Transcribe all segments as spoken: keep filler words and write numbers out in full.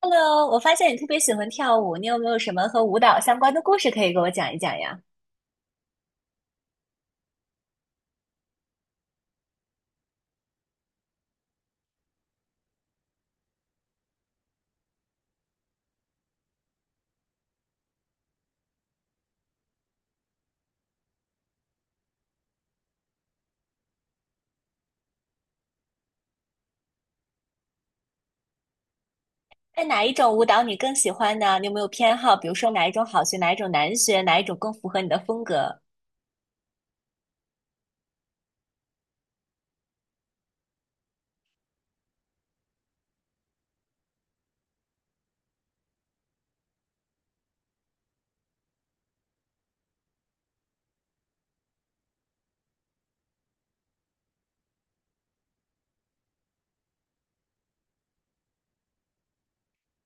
Hello，我发现你特别喜欢跳舞，你有没有什么和舞蹈相关的故事可以给我讲一讲呀？哎，哪一种舞蹈你更喜欢呢？你有没有偏好？比如说哪一种好学，哪一种难学，哪一种更符合你的风格？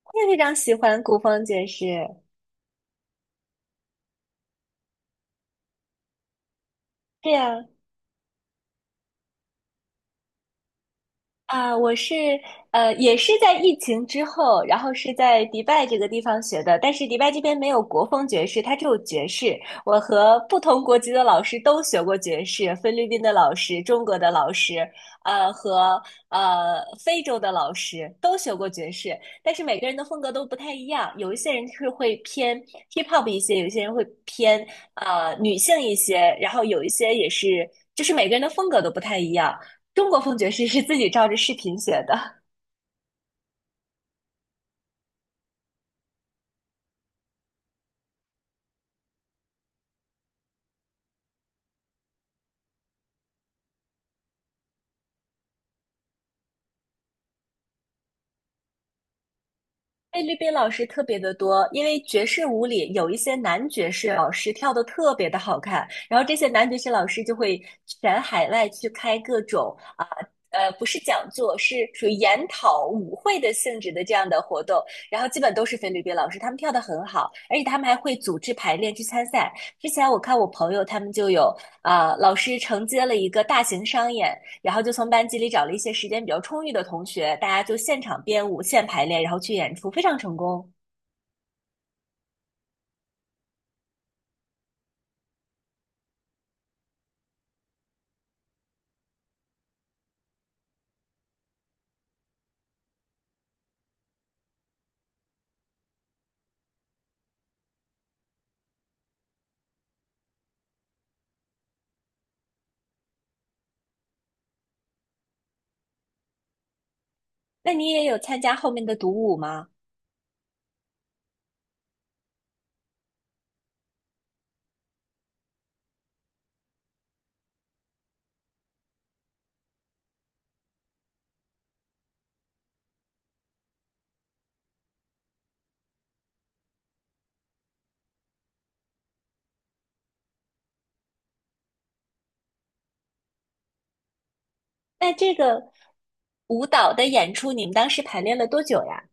我也非常喜欢古风爵士。对呀，啊，我是呃，也是在疫情之后，然后是在迪拜这个地方学的，但是迪拜这边没有国风爵士，它只有爵士。我和不同国籍的老师都学过爵士，菲律宾的老师、中国的老师，呃，和呃非洲的老师都学过爵士，但是每个人的风格都不太一样，有一些人是会偏 hip hop 一些，有一些人会偏呃女性一些，然后有一些也是，就是每个人的风格都不太一样。中国风爵士是自己照着视频学的。菲律宾老师特别的多，因为爵士舞里有一些男爵士老师跳的特别的好看，然后这些男爵士老师就会全海外去开各种啊呃不是讲座，是属于研讨舞会的性质的这样的活动，然后基本都是菲律宾老师，他们跳的很好，而且他们还会组织排练去参赛。之前我看我朋友他们就有啊、呃老师承接了一个大型商演，然后就从班级里找了一些时间比较充裕的同学，大家就现场编舞、现排练，然后去演出，非常成功。那你也有参加后面的独舞吗？那这个舞蹈的演出，你们当时排练了多久呀？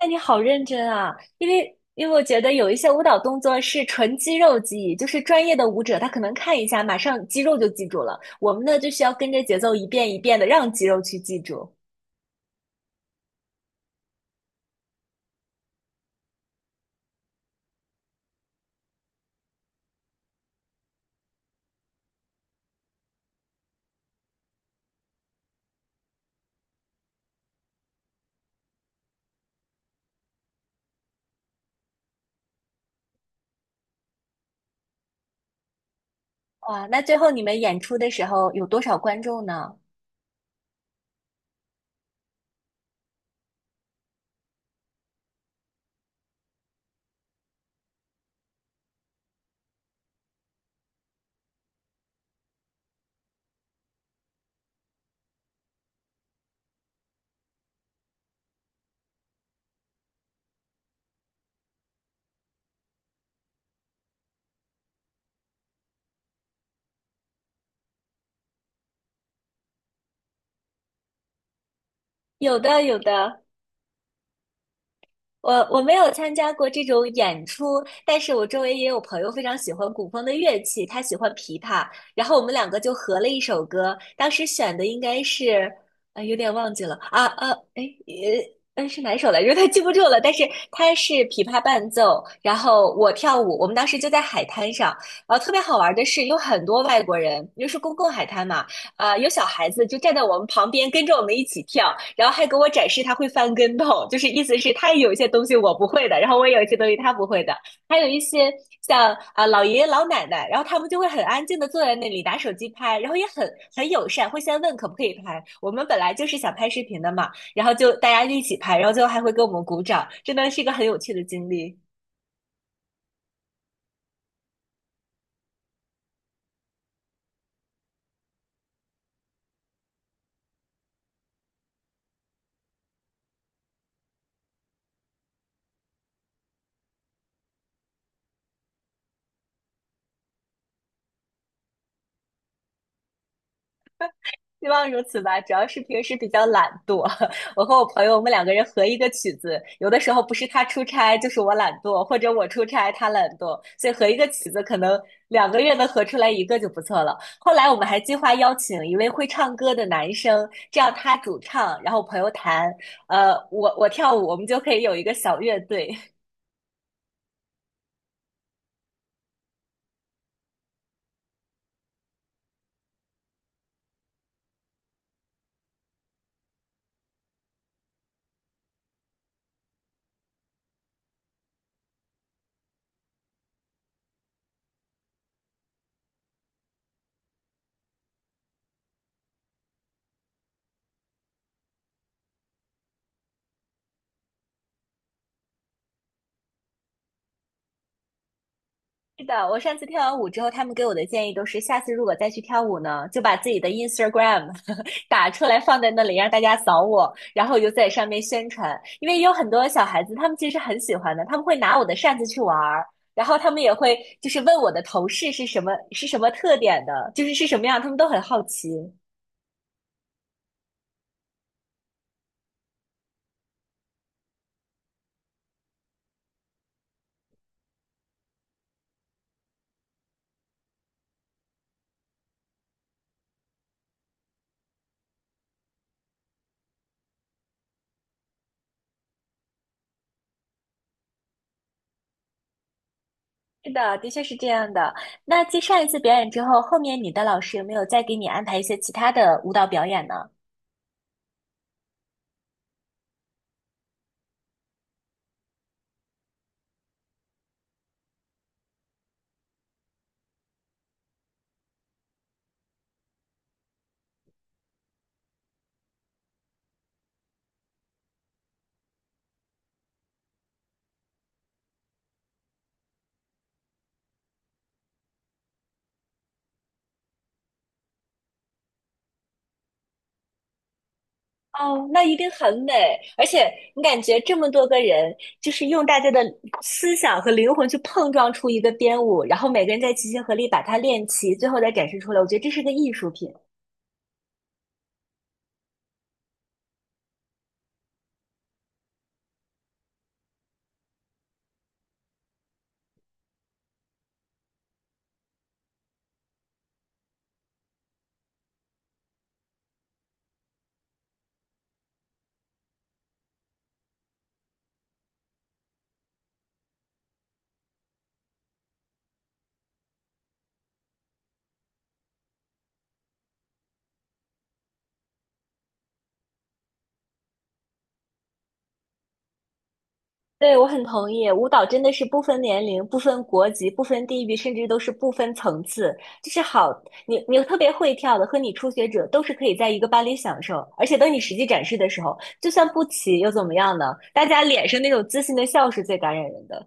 那你好认真啊，因为因为我觉得有一些舞蹈动作是纯肌肉记忆，就是专业的舞者他可能看一下，马上肌肉就记住了。我们呢就需要跟着节奏一遍一遍的让肌肉去记住。哇，那最后你们演出的时候有多少观众呢？有的，有的。我我没有参加过这种演出，但是我周围也有朋友非常喜欢古风的乐器，他喜欢琵琶，然后我们两个就合了一首歌，当时选的应该是，呃，有点忘记了啊啊，哎，呃，呃是哪一首来着？他记不住了，但是他是琵琶伴奏，然后我跳舞，我们当时就在海滩上，然后特别好玩的是有很多外国人，因为是公共海滩嘛，呃，有小孩子就站在我们旁边跟着我们一起跳，然后还给我展示他会翻跟头，就是意思是他也有一些东西我不会的，然后我也有一些东西他不会的，还有一些像啊、呃老爷爷老奶奶，然后他们就会很安静的坐在那里拿手机拍，然后也很很友善，会先问可不可以拍。我们本来就是想拍视频的嘛，然后就大家一起拍，然后最后还会给我们鼓掌，真的是一个很有趣的经历。希望如此吧，主要是平时比较懒惰。我和我朋友，我们两个人合一个曲子，有的时候不是他出差，就是我懒惰，或者我出差他懒惰，所以合一个曲子可能两个月能合出来一个就不错了。后来我们还计划邀请一位会唱歌的男生，这样他主唱，然后朋友弹，呃，我我跳舞，我们就可以有一个小乐队。是的，我上次跳完舞之后，他们给我的建议都是，下次如果再去跳舞呢，就把自己的 Instagram 打出来放在那里，让大家扫我，然后我就在上面宣传。因为有很多小孩子，他们其实很喜欢的，他们会拿我的扇子去玩儿，然后他们也会就是问我的头饰是什么，是什么特点的，就是是什么样，他们都很好奇。是的，的确是这样的。那继上一次表演之后，后面你的老师有没有再给你安排一些其他的舞蹈表演呢？哦，那一定很美，而且你感觉这么多个人，就是用大家的思想和灵魂去碰撞出一个编舞，然后每个人再齐心合力把它练齐，最后再展示出来。我觉得这是个艺术品。对，我很同意，舞蹈真的是不分年龄、不分国籍、不分地域，甚至都是不分层次。就是好，你你特别会跳的和你初学者都是可以在一个班里享受，而且等你实际展示的时候，就算不齐又怎么样呢？大家脸上那种自信的笑是最感染人的。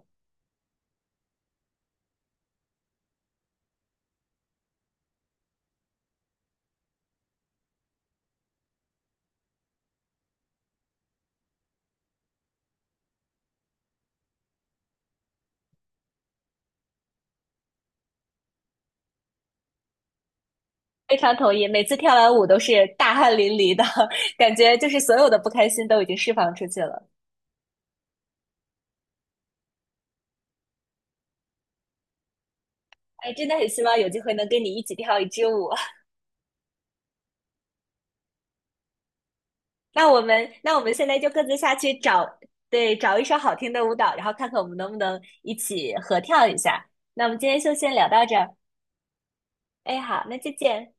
非常同意，每次跳完舞都是大汗淋漓的，感觉就是所有的不开心都已经释放出去了。哎，真的很希望有机会能跟你一起跳一支舞。那我们，那我们现在就各自下去找，对，找一首好听的舞蹈，然后看看我们能不能一起合跳一下。那我们今天就先聊到这儿。哎，好，那再见。